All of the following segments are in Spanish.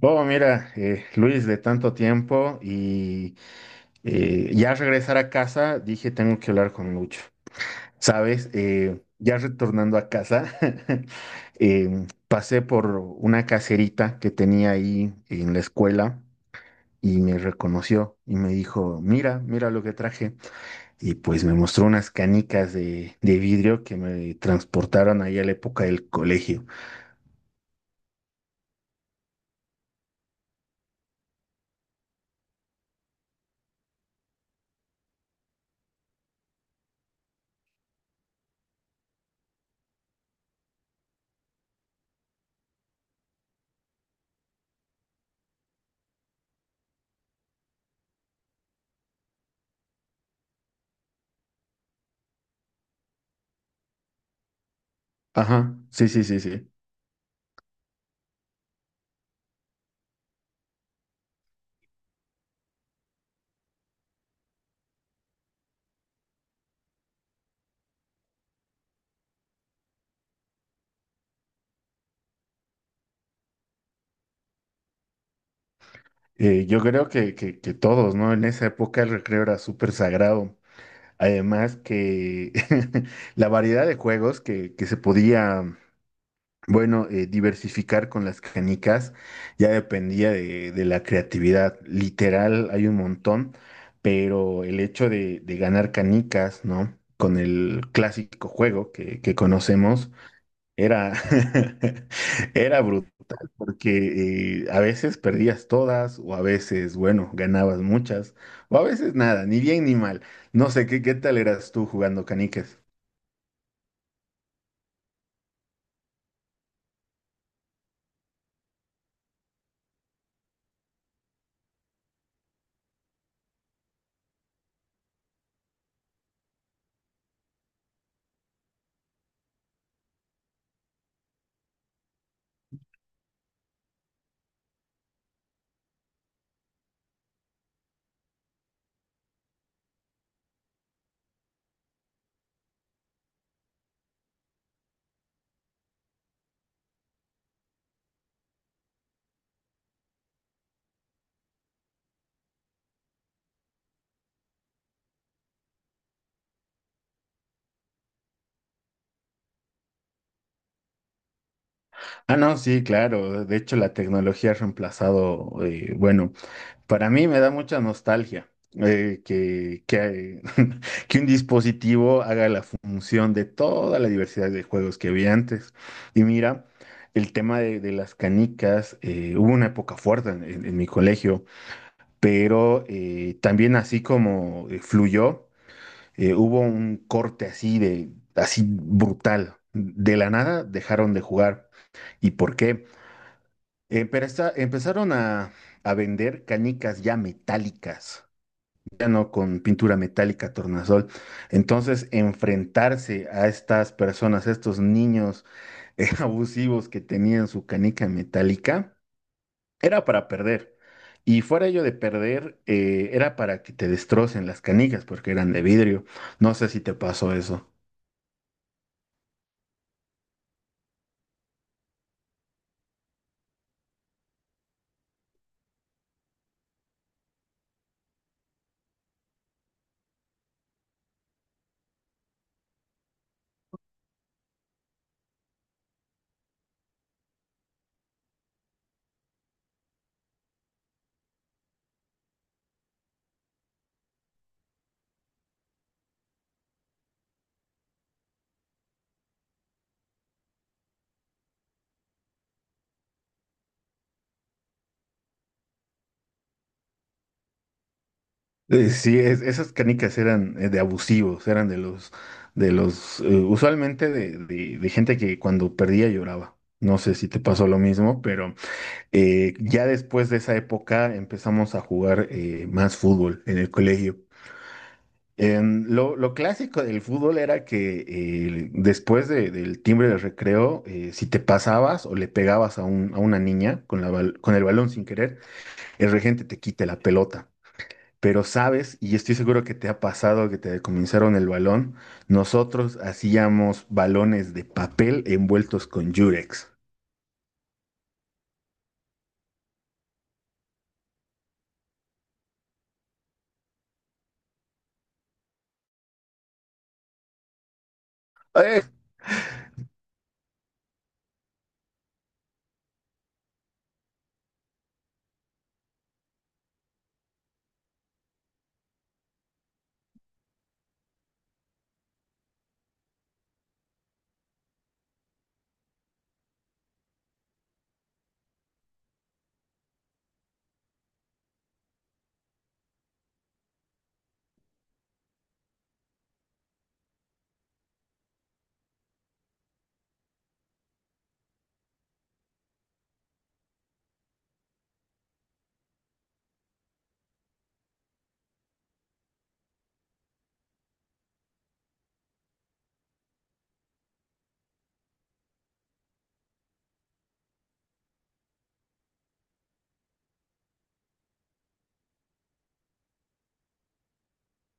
Oh, mira, Luis, de tanto tiempo y ya al regresar a casa dije tengo que hablar con Lucho. Sabes. Ya retornando a casa, pasé por una caserita que tenía ahí en la escuela y me reconoció y me dijo, mira, mira lo que traje. Y pues me mostró unas canicas de vidrio que me transportaron ahí a la época del colegio. Ajá, sí, sí, sí, sí. Yo creo que todos, ¿no? En esa época el recreo era súper sagrado. Además que la variedad de juegos que se podía, bueno, diversificar con las canicas ya dependía de la creatividad. Literal, hay un montón, pero el hecho de ganar canicas, ¿no? Con el clásico juego que conocemos era, era brutal porque a veces perdías todas o a veces, bueno, ganabas muchas o a veces nada, ni bien ni mal. No sé, ¿qué, qué tal eras tú jugando canicas? Ah, no, sí, claro. De hecho, la tecnología ha reemplazado, bueno, para mí me da mucha nostalgia que un dispositivo haga la función de toda la diversidad de juegos que había antes. Y mira, el tema de las canicas, hubo una época fuerte en, en mi colegio, pero también así como fluyó, hubo un corte así de, así brutal. De la nada dejaron de jugar. ¿Y por qué? Empezaron a vender canicas ya metálicas piano con pintura metálica, tornasol. Entonces, enfrentarse a estas personas, a estos niños abusivos que tenían su canica metálica, era para perder. Y fuera ello de perder, era para que te destrocen las canicas porque eran de vidrio. No sé si te pasó eso. Sí, esas canicas eran de abusivos, eran de los, usualmente de, de gente que cuando perdía lloraba. No sé si te pasó lo mismo, pero... ya después de esa época empezamos a jugar más fútbol en el colegio. En lo clásico del fútbol era que después del timbre del recreo, si te pasabas o le pegabas a, a una niña con, con el balón sin querer, el regente te quite la pelota. Pero sabes, y estoy seguro que te ha pasado que te decomisaron el balón, nosotros hacíamos balones de papel envueltos con Yurex. Eh,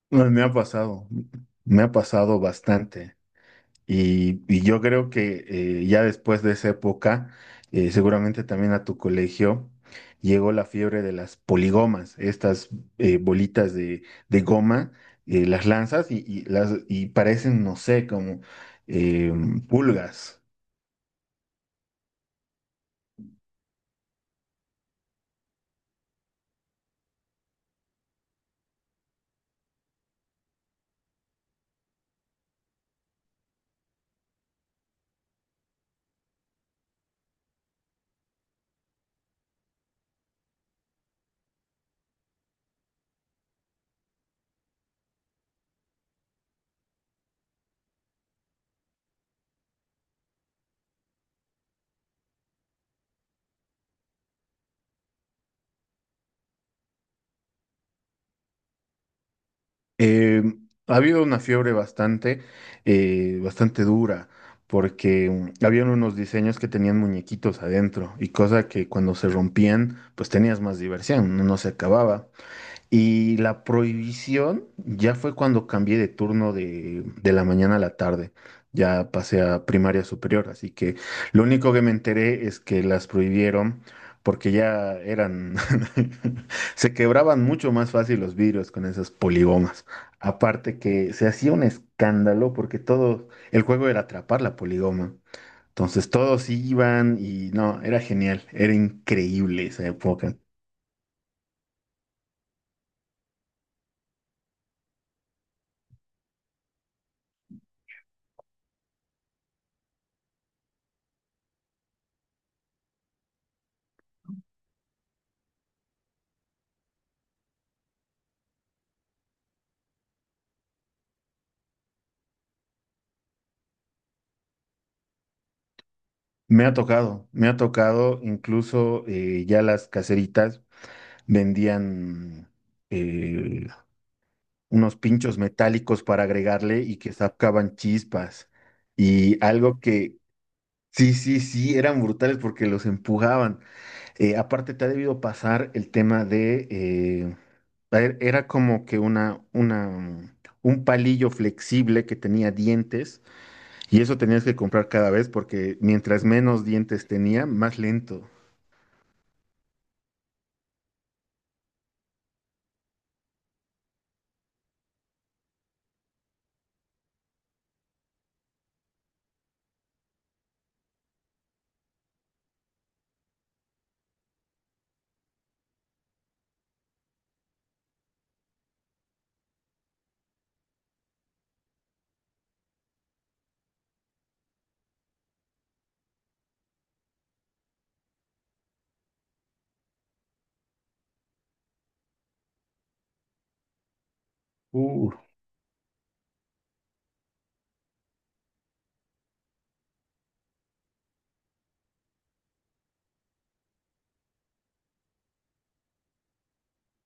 me ha pasado, me ha pasado bastante. Y yo creo que ya después de esa época, seguramente también a tu colegio llegó la fiebre de las poligomas, estas bolitas de goma, las lanzas y las, y parecen, no sé, como eh, pulgas. Eh, ha habido una fiebre bastante, bastante dura, porque habían unos diseños que tenían muñequitos adentro y cosa que cuando se rompían, pues tenías más diversión, no se acababa. Y la prohibición ya fue cuando cambié de turno de la mañana a la tarde. Ya pasé a primaria superior, así que lo único que me enteré es que las prohibieron porque ya eran, se quebraban mucho más fácil los vidrios con esas poligomas. Aparte que se hacía un escándalo porque todo, el juego era atrapar la poligoma. Entonces todos iban y no, era genial, era increíble esa época. Me ha tocado, incluso ya las caseritas vendían eh, unos pinchos metálicos para agregarle y que sacaban chispas. Y algo que sí, sí, sí, eran brutales porque los empujaban. Aparte, te ha debido pasar el tema de, era como que una, un palillo flexible que tenía dientes y eso tenías que comprar cada vez porque mientras menos dientes tenía, más lento. Uh.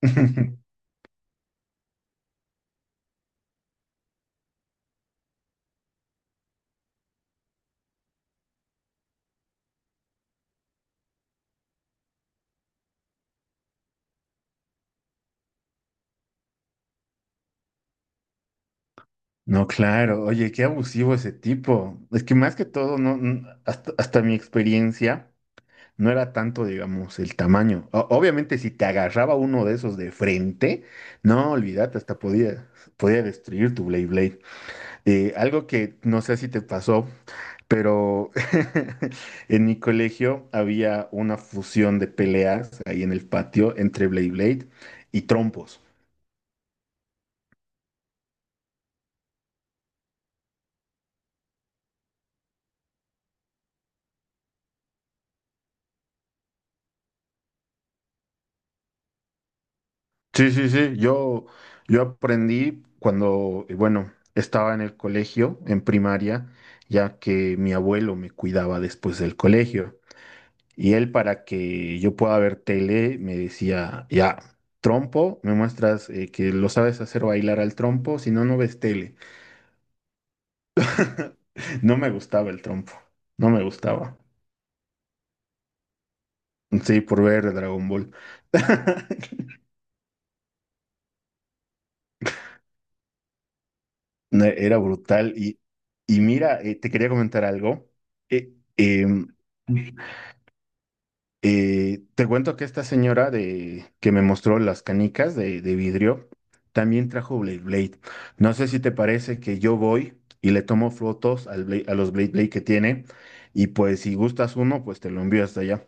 No, claro, oye, qué abusivo ese tipo. Es que más que todo, no, hasta, hasta mi experiencia, no era tanto, digamos, el tamaño. Obviamente, si te agarraba uno de esos de frente, no, olvídate, hasta podía, podía destruir tu Blade Blade. Algo que no sé si te pasó, pero en mi colegio había una fusión de peleas ahí en el patio entre Blade Blade y trompos. Sí, sí, sí. Yo aprendí cuando, bueno, estaba en el colegio, en primaria, ya que mi abuelo me cuidaba después del colegio. Y él, para que yo pueda ver tele, me decía, ya, trompo, me muestras que lo sabes hacer bailar al trompo, si no, no ves tele. No me gustaba el trompo, no me gustaba. Sí, por ver Dragon Ball. No, era brutal. Y mira, te quería comentar algo. Eh, em, te cuento que esta señora de, que me mostró las canicas de vidrio también trajo Blade Blade. No sé si te parece que yo voy y le tomo fotos al a los Blade Blade que tiene y pues si gustas uno, pues te lo envío hasta allá.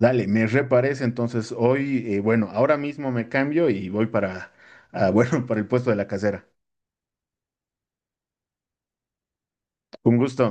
Dale, me reparece entonces hoy, bueno, ahora mismo me cambio y voy para, ah, bueno, para el puesto de la casera. Un gusto.